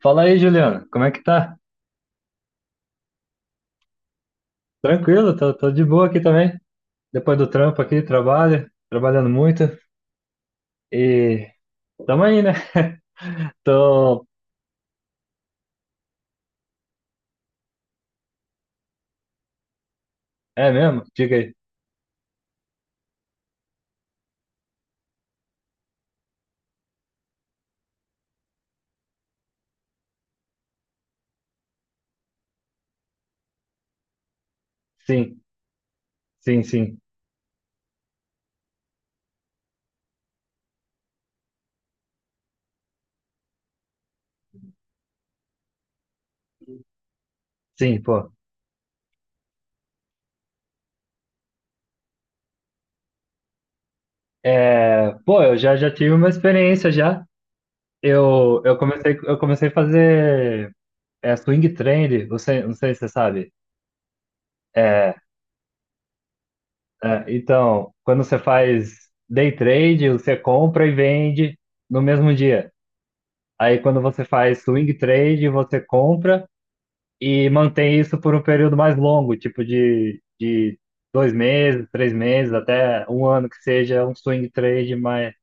Fala aí, Juliano, como é que tá? Tranquilo, tô de boa aqui também. Depois do trampo aqui, trabalhando muito e tamo aí, né? Tô. É mesmo? Diga aí. Sim, sim, sim, sim, pô. É, pô, eu já tive uma experiência já. Eu comecei, eu comecei a fazer swing trade, você, não sei se você sabe. É, então, quando você faz day trade, você compra e vende no mesmo dia. Aí quando você faz swing trade, você compra e mantém isso por um período mais longo, tipo de dois meses, três meses, até um ano que seja um swing trade, mas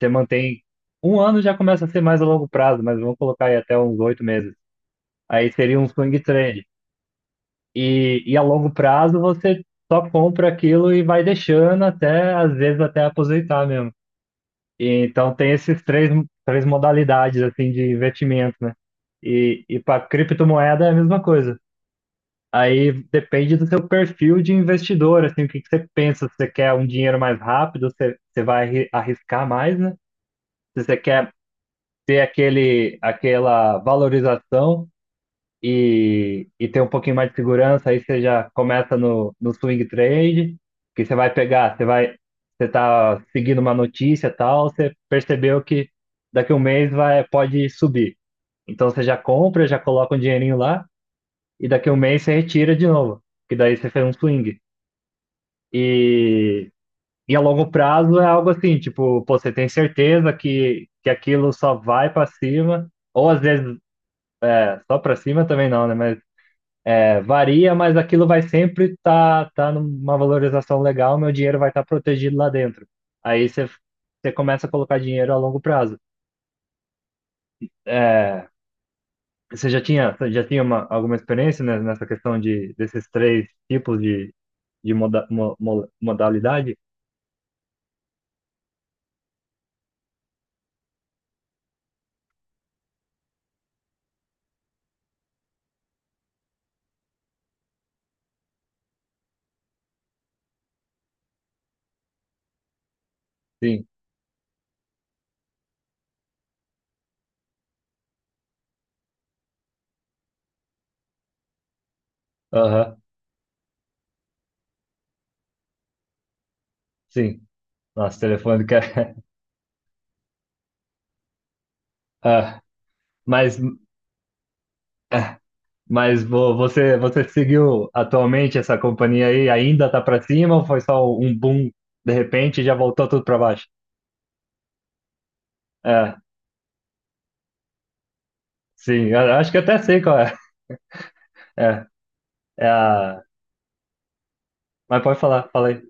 você mantém. Um ano já começa a ser mais a longo prazo, mas vamos colocar aí até uns oito meses. Aí seria um swing trade. E a longo prazo você só compra aquilo e vai deixando até, às vezes, até aposentar mesmo. E, então tem três modalidades assim de investimento, né? E para criptomoeda é a mesma coisa. Aí depende do seu perfil de investidor, assim, o que que você pensa, se você quer um dinheiro mais rápido, você vai arriscar mais, né? Se você quer ter aquela valorização e ter um pouquinho mais de segurança, aí você já começa no swing trade, que você vai pegar, você tá seguindo uma notícia e tal, você percebeu que daqui um mês vai, pode subir. Então você já compra, já coloca um dinheirinho lá, e daqui um mês você retira de novo, que daí você fez um swing. E, e a longo prazo é algo assim, tipo, pô, você tem certeza que aquilo só vai para cima, ou às vezes só para cima também não, né? É, varia, mas aquilo vai sempre estar tá numa valorização legal, meu dinheiro vai estar protegido lá dentro. Aí você começa a colocar dinheiro a longo prazo. É, você já tinha uma, alguma experiência né, nessa questão de, desses três tipos de modalidade? Sim, aham, sim. Nossa, telefone que é... Ah, mas é, Mas você, você seguiu atualmente essa companhia aí? Ainda tá para cima ou foi só um boom de repente e já voltou tudo para baixo? É, sim, eu acho que até sei qual é. É, é a... Mas pode falar, falei.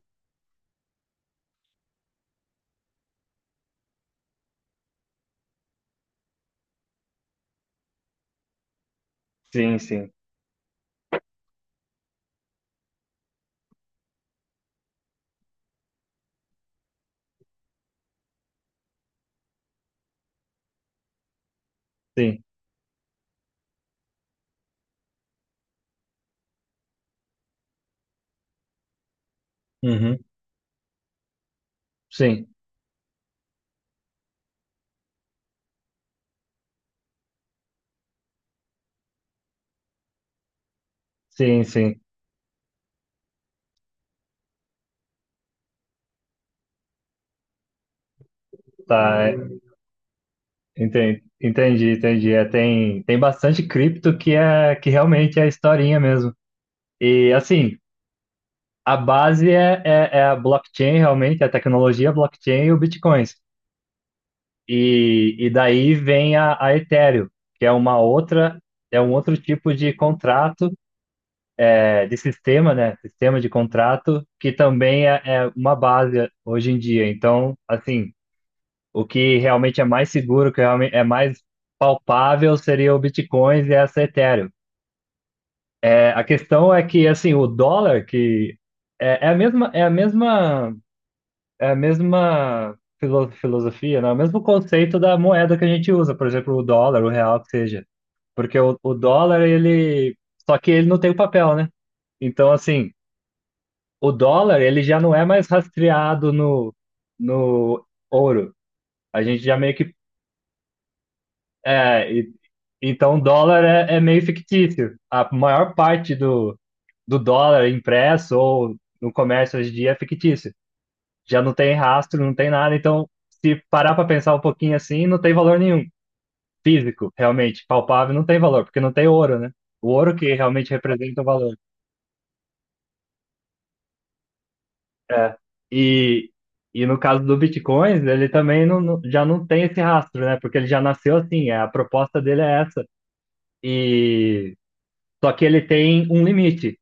Sim, sim, sim. Uhum. Sim, sim. Tá, é, entendi. É, tem bastante cripto que é que realmente é historinha mesmo. E assim, a base é a blockchain realmente, a tecnologia blockchain e o Bitcoin. E daí vem a Ethereum, que é uma outra, é um outro tipo de contrato, é, de sistema, né? Sistema de contrato, que também é uma base hoje em dia. Então, assim, o que realmente é mais seguro, o que realmente é mais palpável seria o Bitcoin e essa Ethereum. É, a questão é que, assim, o dólar, que é, é a mesma, é a mesma, é a mesma filosofia, né? O mesmo conceito da moeda que a gente usa, por exemplo, o dólar, o real, que seja. Porque o dólar, ele. Só que ele não tem o papel, né? Então, assim, o dólar, ele já não é mais rastreado no ouro. A gente já meio que. É, e- então, o dólar é meio fictício. A maior parte do dólar impresso ou no comércio hoje em dia é fictício. Já não tem rastro, não tem nada. Então, se parar para pensar um pouquinho assim, não tem valor nenhum. Físico, realmente, palpável, não tem valor, porque não tem ouro, né? O ouro que realmente representa o valor. É. E, e no caso do Bitcoin, ele também já não tem esse rastro, né? Porque ele já nasceu assim, é, a proposta dele é essa. E só que ele tem um limite.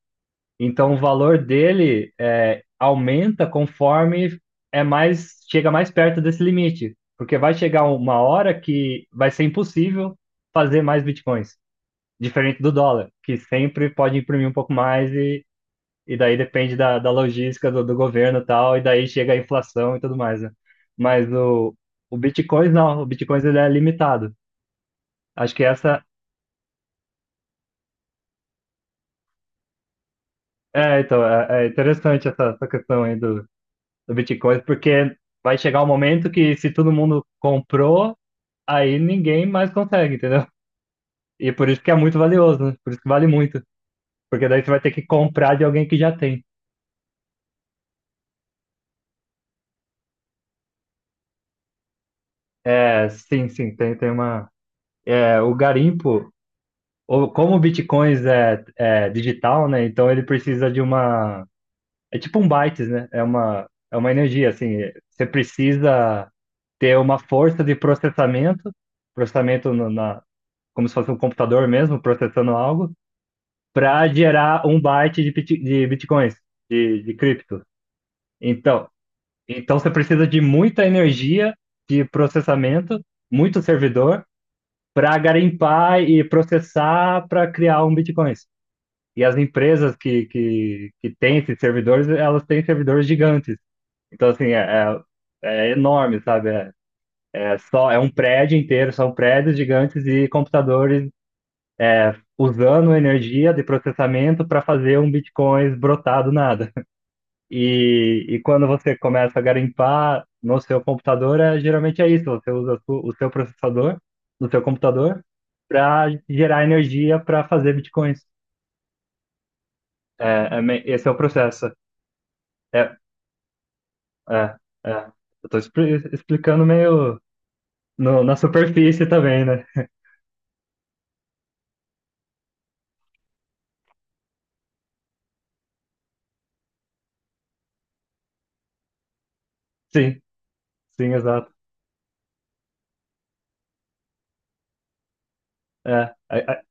Então o valor dele é, aumenta conforme é mais chega mais perto desse limite, porque vai chegar uma hora que vai ser impossível fazer mais Bitcoins, diferente do dólar, que sempre pode imprimir um pouco mais e daí depende da logística do governo e tal, e daí chega a inflação e tudo mais, né? Mas o Bitcoin não, o Bitcoin ele é limitado. Acho que essa é, então, é interessante essa questão aí do Bitcoin, porque vai chegar um momento que se todo mundo comprou, aí ninguém mais consegue, entendeu? E por isso que é muito valioso, né? Por isso que vale muito, porque daí você vai ter que comprar de alguém que já tem. É, sim, tem uma. É, o garimpo. O- como o Bitcoin é digital, né? Então ele precisa de uma. É tipo um bytes, né? É uma energia, assim. Você precisa ter uma força de processamento, processamento no- na, como se fosse um computador mesmo, processando algo, para gerar um byte de, de bitcoins, de cripto. Então, então você precisa de muita energia de processamento, muito servidor, para garimpar e processar para criar um bitcoin. E as empresas que têm esses servidores, elas têm servidores gigantes. Então, assim, é enorme, sabe? É só, é um prédio inteiro, são prédios gigantes e computadores usando energia de processamento para fazer um Bitcoin brotar do nada. E quando você começa a garimpar no seu computador, é, geralmente é isso, você usa a o seu processador no seu computador para gerar energia para fazer Bitcoins. É, esse é o processo. É É, é. Eu tô explicando meio na superfície também, né? Sim, sim, exato. É, é, é,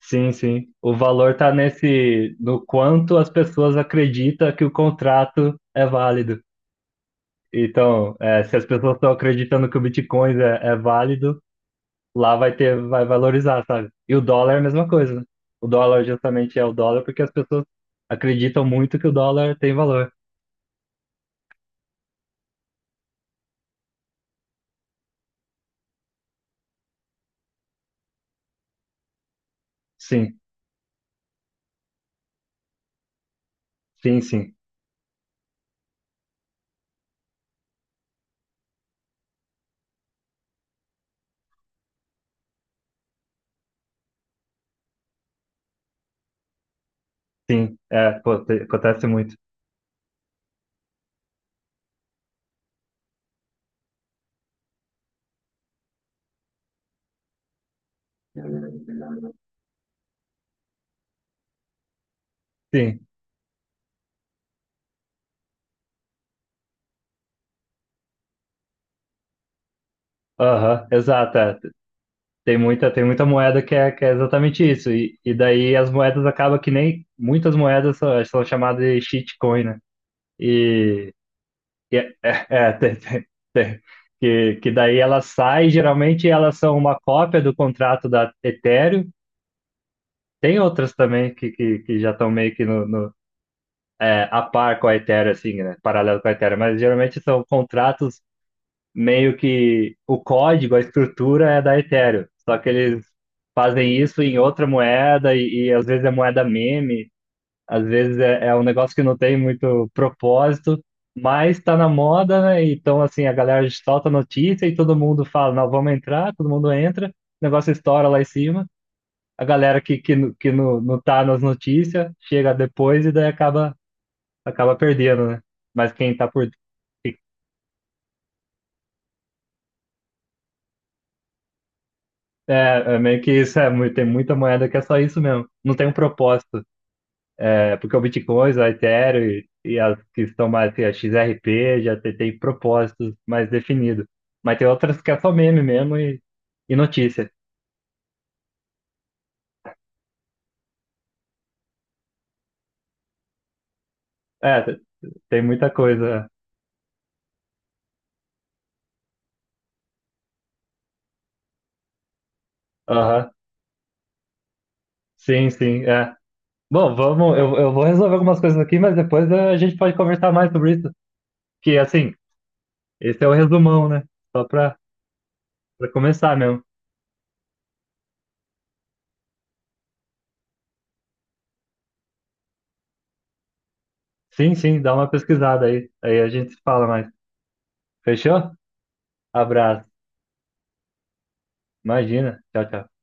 sim, sim. O valor tá nesse, no quanto as pessoas acreditam que o contrato é válido. Então, é, se as pessoas estão acreditando que o Bitcoin é válido, lá vai ter, vai valorizar, sabe? E o dólar é a mesma coisa, né? O dólar justamente é o dólar porque as pessoas acreditam muito que o dólar tem valor. Sim, sim, sim, sim. É, pô, te- acontece muito. Sim, aham, exato. É. Tem muita moeda que é exatamente isso. E daí as moedas acabam que nem muitas moedas são, são chamadas de shitcoin, né? E, e é, é, é, tem- que daí elas saem, geralmente elas são uma cópia do contrato da Ethereum. Tem outras também que já estão meio que no, é, a par com a Ethereum, assim, né? Paralelo com a Ethereum, mas geralmente são contratos meio que o código, a estrutura é da Ethereum. Só que eles fazem isso em outra moeda e às vezes é moeda meme, às vezes é um negócio que não tem muito propósito, mas tá na moda, né? Então, assim, a galera solta notícia e todo mundo fala, não, vamos entrar, todo mundo entra, o negócio estoura lá em cima. A galera que não, não tá nas notícias chega depois e daí acaba perdendo, né? Mas quem tá por, É, é meio que isso, é, mu- tem muita moeda que é só isso mesmo. Não tem um propósito. É porque o Bitcoin, o Ethereum e as que são mais, que a XRP já tem, tem propósitos mais definidos. Mas tem outras que é só meme mesmo e notícia. É, tem muita coisa. Aham, Sim, sim, é. Bom, eu vou resolver algumas coisas aqui, mas depois é, a gente pode conversar mais sobre isso. Que, assim, esse é o resumão, né? Só pra, pra começar mesmo. Sim, sim, dá uma pesquisada aí. Aí a gente se fala mais. Fechou? Abraço. Imagina. Tchau, tchau.